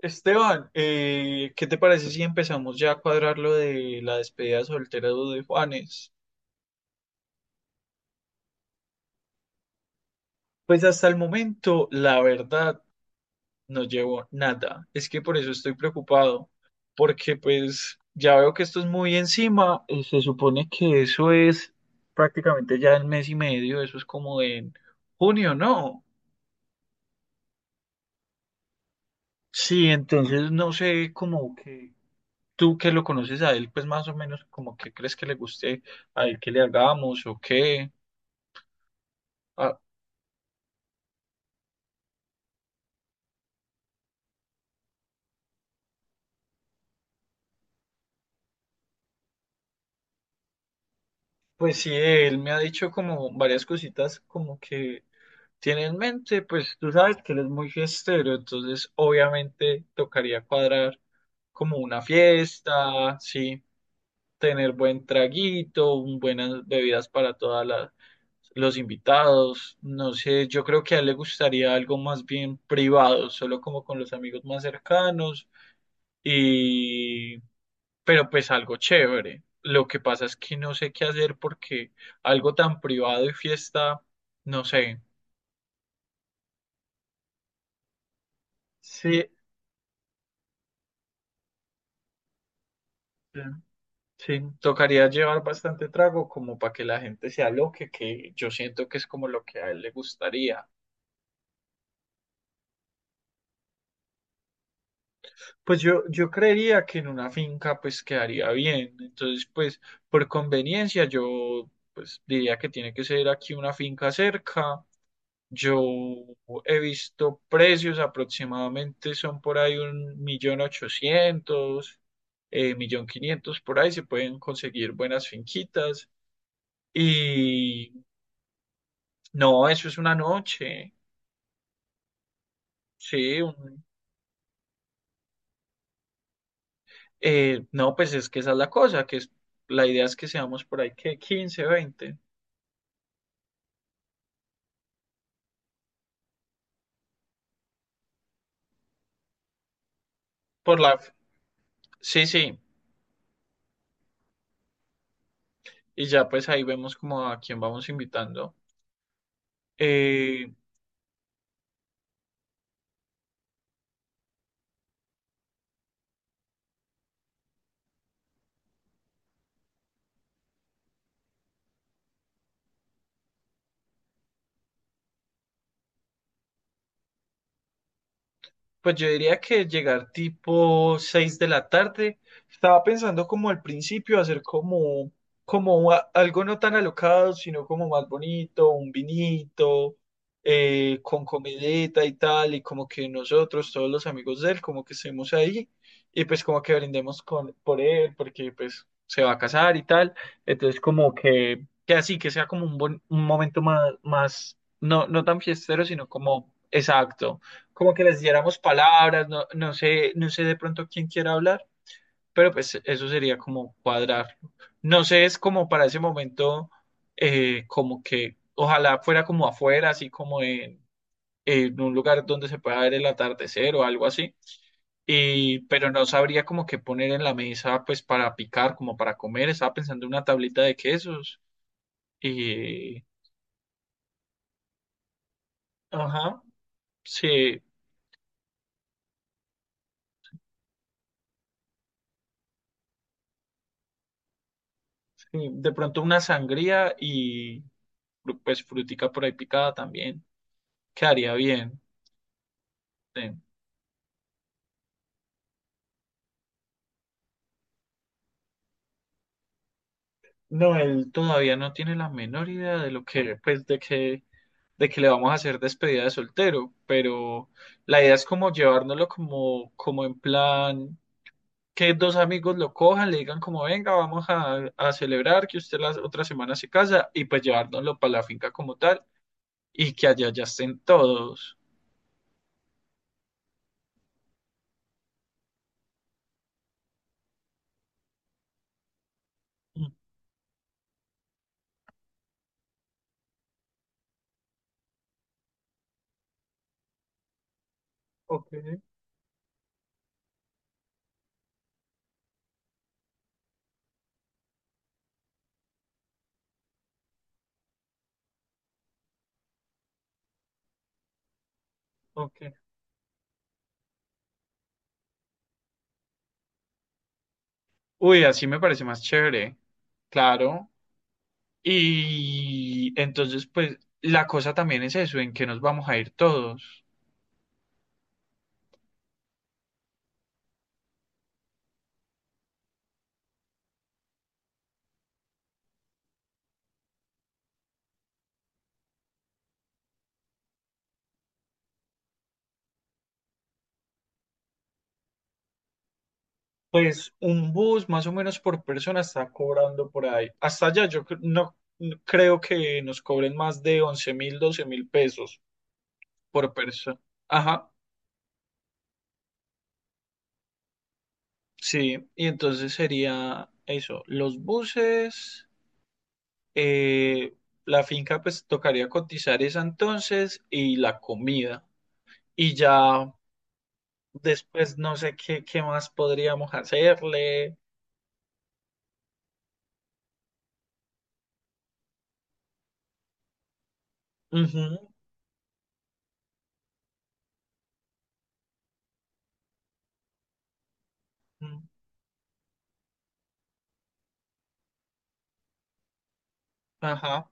Esteban, ¿qué te parece si empezamos ya a cuadrar lo de la despedida soltera de Juanes? Pues hasta el momento, la verdad, no llevo nada. Es que por eso estoy preocupado, porque pues ya veo que esto es muy encima. Se supone que eso es prácticamente ya en mes y medio, eso es como en junio, ¿no? Sí, entonces no sé como que tú que lo conoces a él, pues más o menos como que crees que le guste a él que le hagamos o qué. Ah. Pues sí, él me ha dicho como varias cositas como que tiene en mente, pues tú sabes que él es muy fiestero, entonces obviamente tocaría cuadrar como una fiesta, sí, tener buen traguito, buenas bebidas para todas las los invitados, no sé, yo creo que a él le gustaría algo más bien privado, solo como con los amigos más cercanos, pero pues algo chévere. Lo que pasa es que no sé qué hacer porque algo tan privado y fiesta, no sé. Sí, sí, tocaría llevar bastante trago como para que la gente se aloque, que yo siento que es como lo que a él le gustaría. Pues yo creería que en una finca pues quedaría bien. Entonces, pues por conveniencia yo pues diría que tiene que ser aquí una finca cerca. Yo he visto precios aproximadamente, son por ahí 1.800.000, 1.500.000, por ahí se pueden conseguir buenas finquitas. Y no, eso es una noche, sí. No, pues es que esa es la cosa, la idea es que seamos por ahí que 15 a 20. por la, sí, sí, y ya pues ahí vemos como a quién vamos invitando. Eh, Pues yo diría que llegar tipo 6 de la tarde. Estaba pensando como al principio hacer como algo no tan alocado, sino como más bonito, un vinito, con comidita y tal, y como que nosotros, todos los amigos de él, como que estemos ahí, y pues como que brindemos con, por él, porque pues se va a casar y tal. Entonces como que así, que sea como un, buen, un momento más, no, no tan fiestero, sino como exacto, como que les diéramos palabras, no, no sé de pronto quién quiera hablar, pero pues eso sería como cuadrarlo. No sé, es como para ese momento, como que ojalá fuera como afuera, así como en un lugar donde se pueda ver el atardecer o algo así. Y, pero no sabría como qué poner en la mesa, pues para picar, como para comer. Estaba pensando en una tablita de quesos y, ajá, sí, sí, de pronto una sangría y pues frutica por ahí picada también, quedaría bien. Sí. No, él todavía no tiene la menor idea de lo que, pues, de que le vamos a hacer despedida de soltero, pero la idea es como llevárnoslo como, como en plan, que dos amigos lo cojan, le digan como, venga, vamos a celebrar que usted la otra semana se casa, y pues llevárnoslo para la finca como tal, y que allá ya estén todos. Mm. Ok, ok. Uy, así me parece más chévere. Claro. Y entonces, pues la cosa también es eso, en que nos vamos a ir todos. Pues un bus más o menos por persona está cobrando por ahí. Hasta allá no, no creo que nos cobren más de 11.000, 12.000 pesos por persona. Ajá, sí. Y entonces sería eso, los buses, eh, la finca pues tocaría cotizar esa entonces y la comida. Y ya después no sé qué más podríamos hacerle. Ujú, ujú. Ajá,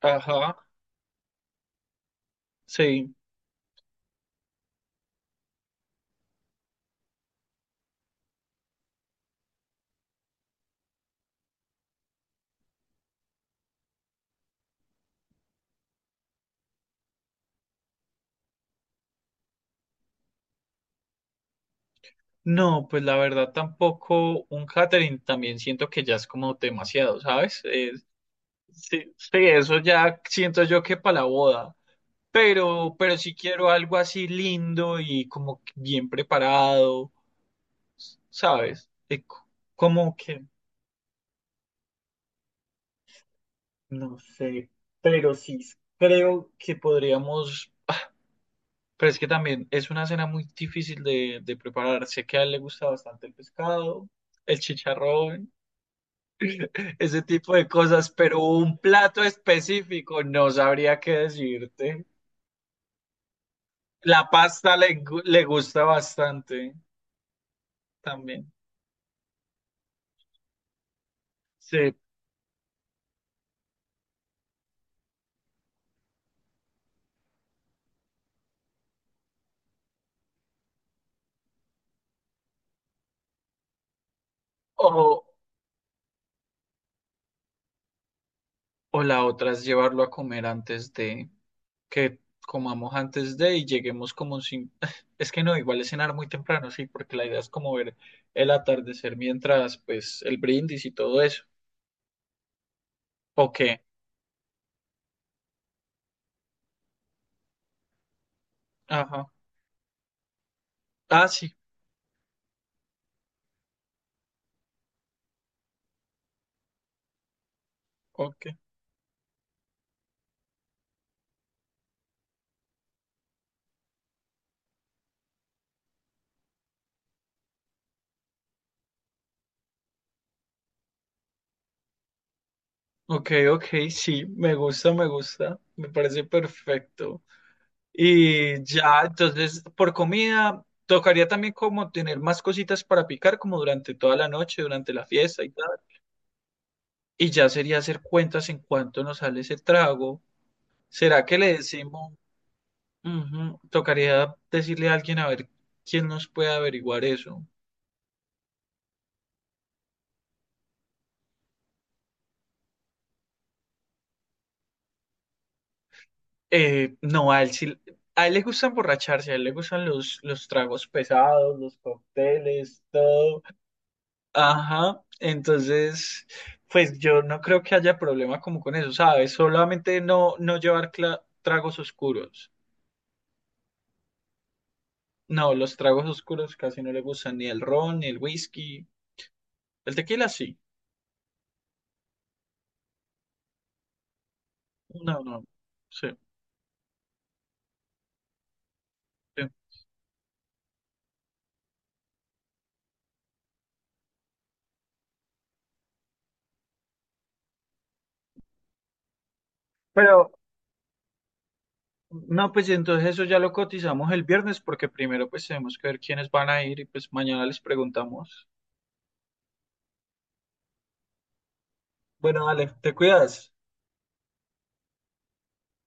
ajá, sí. No, pues la verdad tampoco un catering también siento que ya es como demasiado, ¿sabes? Sí, sí, eso ya siento yo que para la boda, pero sí quiero algo así lindo y como que bien preparado, ¿sabes? Como que, no sé, pero sí creo que podríamos. Pero es que también es una cena muy difícil de preparar. Sé que a él le gusta bastante el pescado, el chicharrón, ese tipo de cosas, pero un plato específico no sabría qué decirte. La pasta le gusta bastante también. Sí. O, o la otra es llevarlo a comer antes de, que comamos antes de y lleguemos como sin... Es que no, igual es cenar muy temprano, sí, porque la idea es como ver el atardecer mientras, pues, el brindis y todo eso. Ok, ajá. Ah, sí, ok. Ok, ok, sí, me gusta, me gusta, me parece perfecto. Y ya, entonces, por comida, tocaría también como tener más cositas para picar, como durante toda la noche, durante la fiesta y tal. Y ya sería hacer cuentas en cuánto nos sale ese trago. ¿Será que le decimos? Ujú. Tocaría decirle a alguien a ver quién nos puede averiguar eso. No, a él sí, a él le gusta emborracharse, a él le gustan los tragos pesados, los cócteles, todo. Ajá, entonces, pues yo no creo que haya problema como con eso, ¿sabes? Solamente no llevar tragos oscuros. No, los tragos oscuros casi no le gustan, ni el ron, ni el whisky. El tequila sí. No, no, sí. Sí. Pero, no, pues entonces eso ya lo cotizamos el viernes porque primero pues tenemos que ver quiénes van a ir y pues mañana les preguntamos. Bueno, vale, te cuidas.